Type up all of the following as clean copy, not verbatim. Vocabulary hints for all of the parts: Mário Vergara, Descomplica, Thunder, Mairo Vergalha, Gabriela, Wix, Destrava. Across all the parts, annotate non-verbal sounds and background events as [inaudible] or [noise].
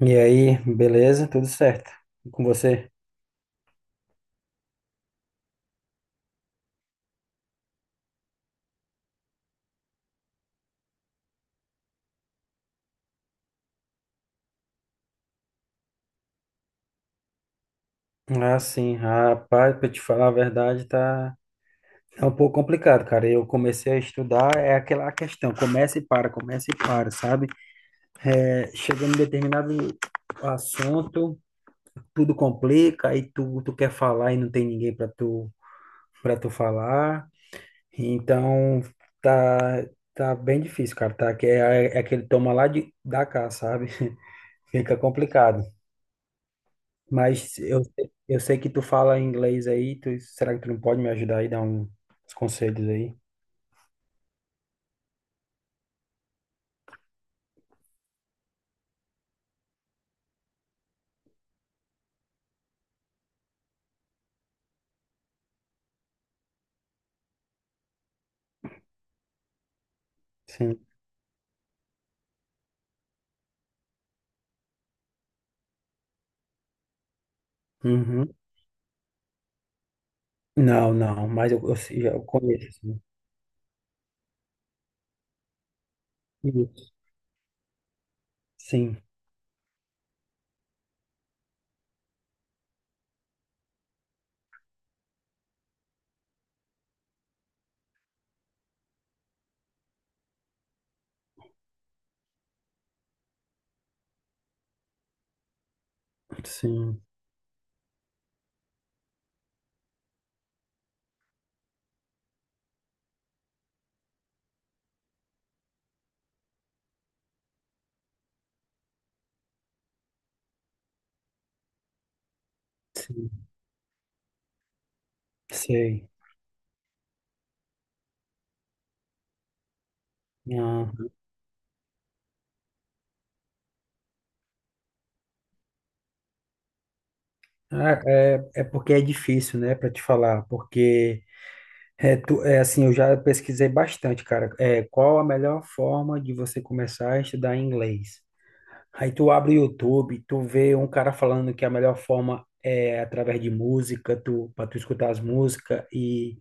E aí, beleza? Tudo certo? E com você? Ah, sim, rapaz, pra te falar a verdade, tá é um pouco complicado, cara. Eu comecei a estudar, é aquela questão, começa e para, sabe? É, chegando em determinado assunto, tudo complica, aí tu quer falar e não tem ninguém para tu falar. Então, tá, tá bem difícil, cara, tá? Que é aquele toma lá da cá, sabe? [laughs] Fica complicado. Mas eu sei que tu fala inglês aí, será que tu não pode me ajudar aí, dar uns conselhos aí? Sim. Uhum. Não, não, mas eu eu conheço, sim. Isso. Sim, sim, sim, sei. Ah, ah, é porque é difícil, né, para te falar, porque é assim, eu já pesquisei bastante, cara. É, qual a melhor forma de você começar a estudar inglês? Aí tu abre o YouTube, tu vê um cara falando que a melhor forma é através de música, para tu escutar as músicas e,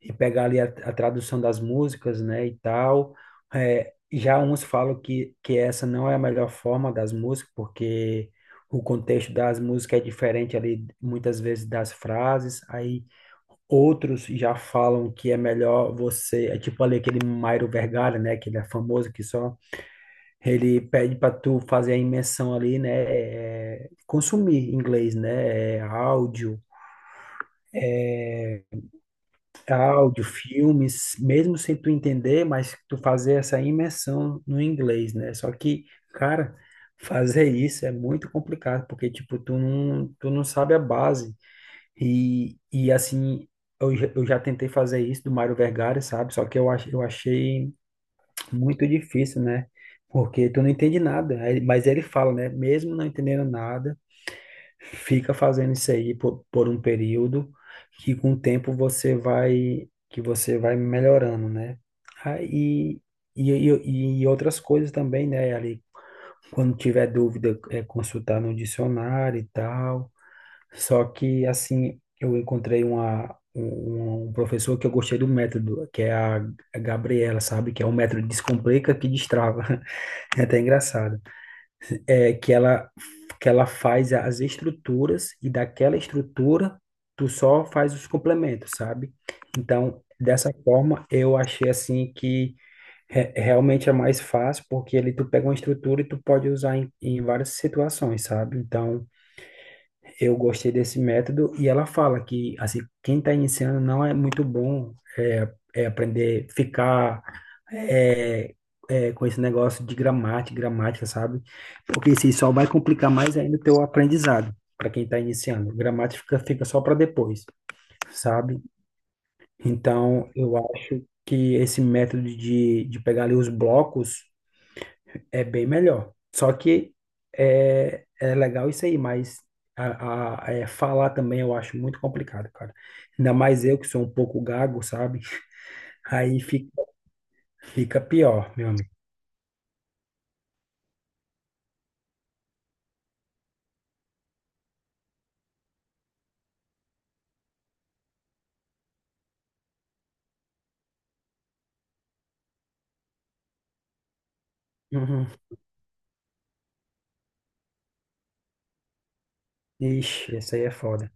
e pegar ali a tradução das músicas, né, e tal. É, já uns falam que essa não é a melhor forma das músicas, porque o contexto das músicas é diferente ali, muitas vezes, das frases. Aí outros já falam que é melhor é tipo ali aquele Mairo Vergalha, né, que ele é famoso, que só ele pede para tu fazer a imersão ali, né? É, consumir inglês, né? É, áudio, áudio, filmes, mesmo sem tu entender, mas tu fazer essa imersão no inglês, né? Só que, cara, fazer isso é muito complicado, porque, tipo, tu não sabe a base. E assim, eu já tentei fazer isso do Mário Vergara, sabe? Só que eu achei muito difícil, né? Porque tu não entende nada, mas ele fala, né? Mesmo não entendendo nada, fica fazendo isso aí por um período que com o tempo você vai melhorando, né? Aí e outras coisas também, né? Ali quando tiver dúvida é consultar no dicionário e tal. Só que assim eu encontrei uma um um professor que eu gostei do método, que é a Gabriela, sabe? Que é o método Descomplica que Destrava. [laughs] É até engraçado, é, que ela faz as estruturas e daquela estrutura tu só faz os complementos, sabe? Então, dessa forma, eu achei assim que realmente é mais fácil, porque ali tu pega uma estrutura e tu pode usar em várias situações, sabe? Então, eu gostei desse método e ela fala que assim, quem está iniciando não é muito bom é, é aprender, ficar é, com esse negócio de gramática, gramática, sabe? Porque isso aí só vai complicar mais ainda o teu aprendizado para quem está iniciando. Gramática fica só para depois, sabe? Então, eu acho que esse método de pegar ali os blocos é bem melhor. Só que é legal isso aí, mas falar também eu acho muito complicado, cara. Ainda mais eu que sou um pouco gago, sabe? Aí fica pior, meu amigo. Uhum. Ixi, isso aí é foda.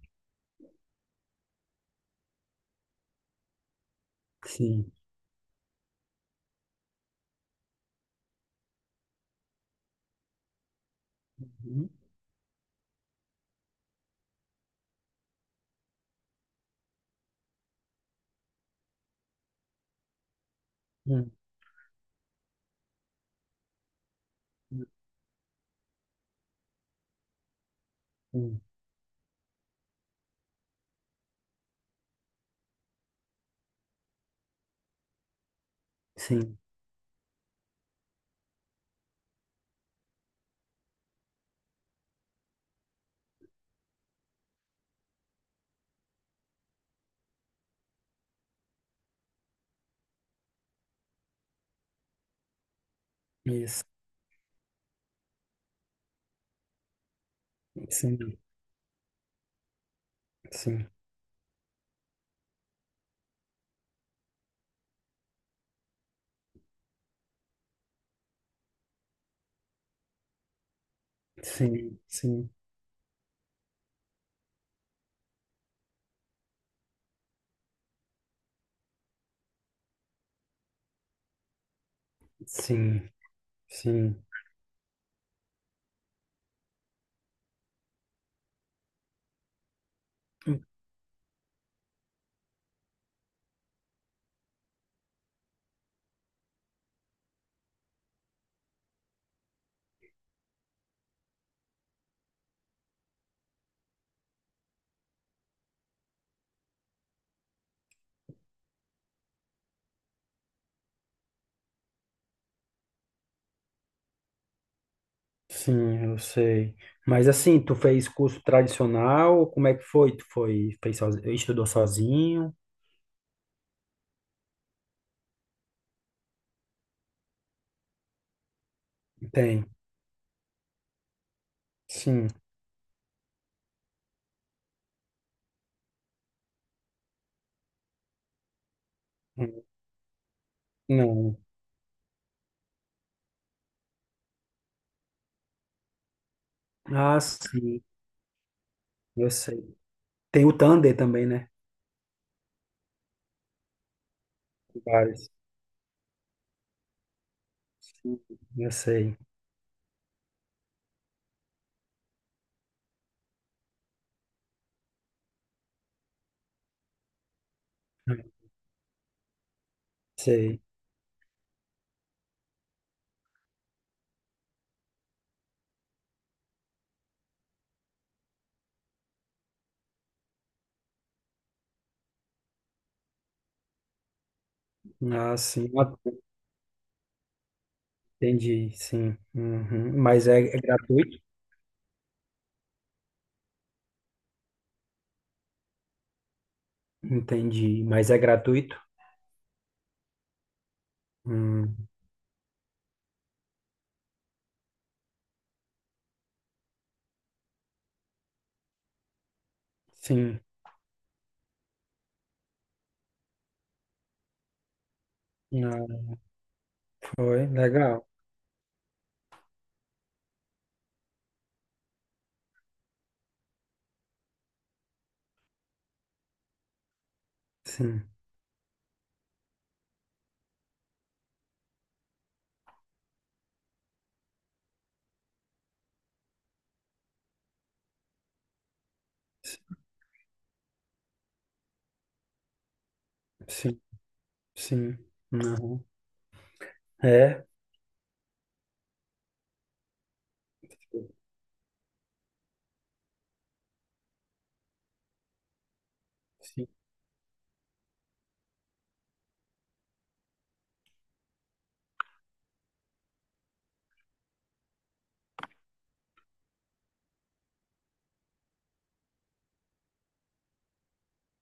Sim. Uhum. Uhum. Uhum. Sim. Isso. Sim. Sim. Sim. Sim. Sim. Sim. Sim, eu sei. Mas assim, tu fez curso tradicional? Como é que foi? Fez sozinho, estudou sozinho? Tem. Sim. Não. Ah, sim, eu sei. Tem o Thunder também, né? Vários. Sim, eu sei. Sei. Ah, sim. Ah, entendi, sim. Uhum. Mas é gratuito? Entendi. Mas é gratuito? Hum. Sim. Ah, foi. Legal. Sim. Sim, sim. Uhum. É, Sim,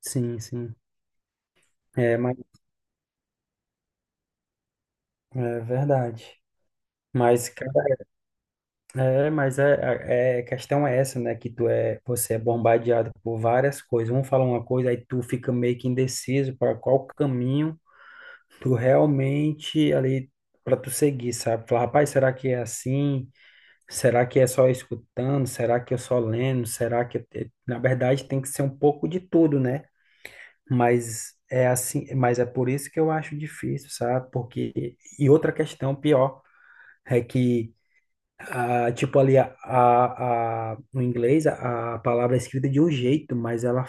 sim, sim. É, mas é verdade. Mas, cara, mas a questão é essa, né? Que você é bombardeado por várias coisas. Um fala uma coisa, aí tu fica meio que indeciso para qual caminho tu realmente ali para tu seguir, sabe? Fala, rapaz, será que é assim? Será que é só escutando? Será que eu só lendo? Será que na verdade tem que ser um pouco de tudo, né? Mas é assim, mas é por isso que eu acho difícil, sabe? Porque e outra questão pior é que ah, tipo ali no inglês a palavra é escrita de um jeito, mas ela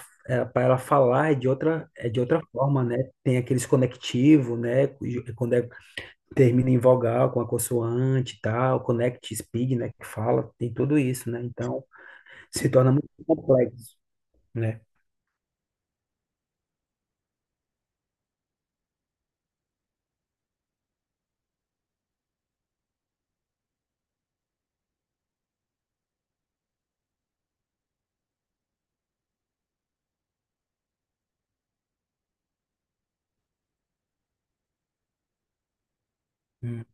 para ela falar é de outra forma, né? Tem aqueles conectivos, né? Quando termina em vogal com a consoante e tal, connect speed, né? Que fala, tem tudo isso, né? Então se torna muito complexo, né? Hum.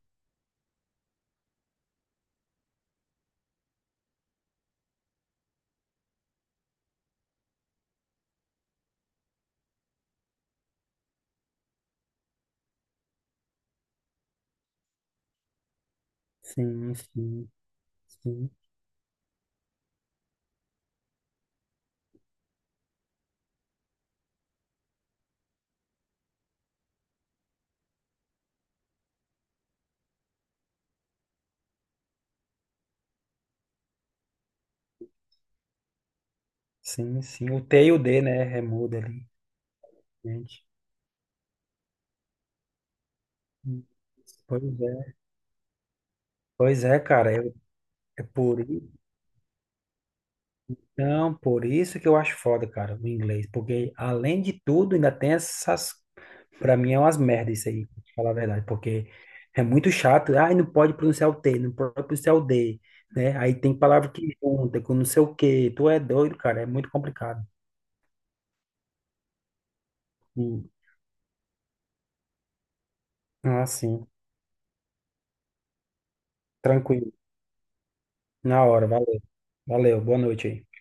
Sim, sim, sim. Sim, sim. O T e o D, né? Remuda ali, gente. Pois é. Pois é, cara. É por, i- por isso que eu acho foda, cara, o inglês. Porque, além de tudo, ainda tem essas. Pra mim é umas merdas isso aí, pra te falar a verdade. Porque é muito chato. Ai, não pode pronunciar o T, não pode pronunciar o D, né? Aí tem palavra que junta com não sei o quê. Tu é doido, cara. É muito complicado. Hum. Ah, sim. Tranquilo. Na hora. Valeu. Valeu. Boa noite aí.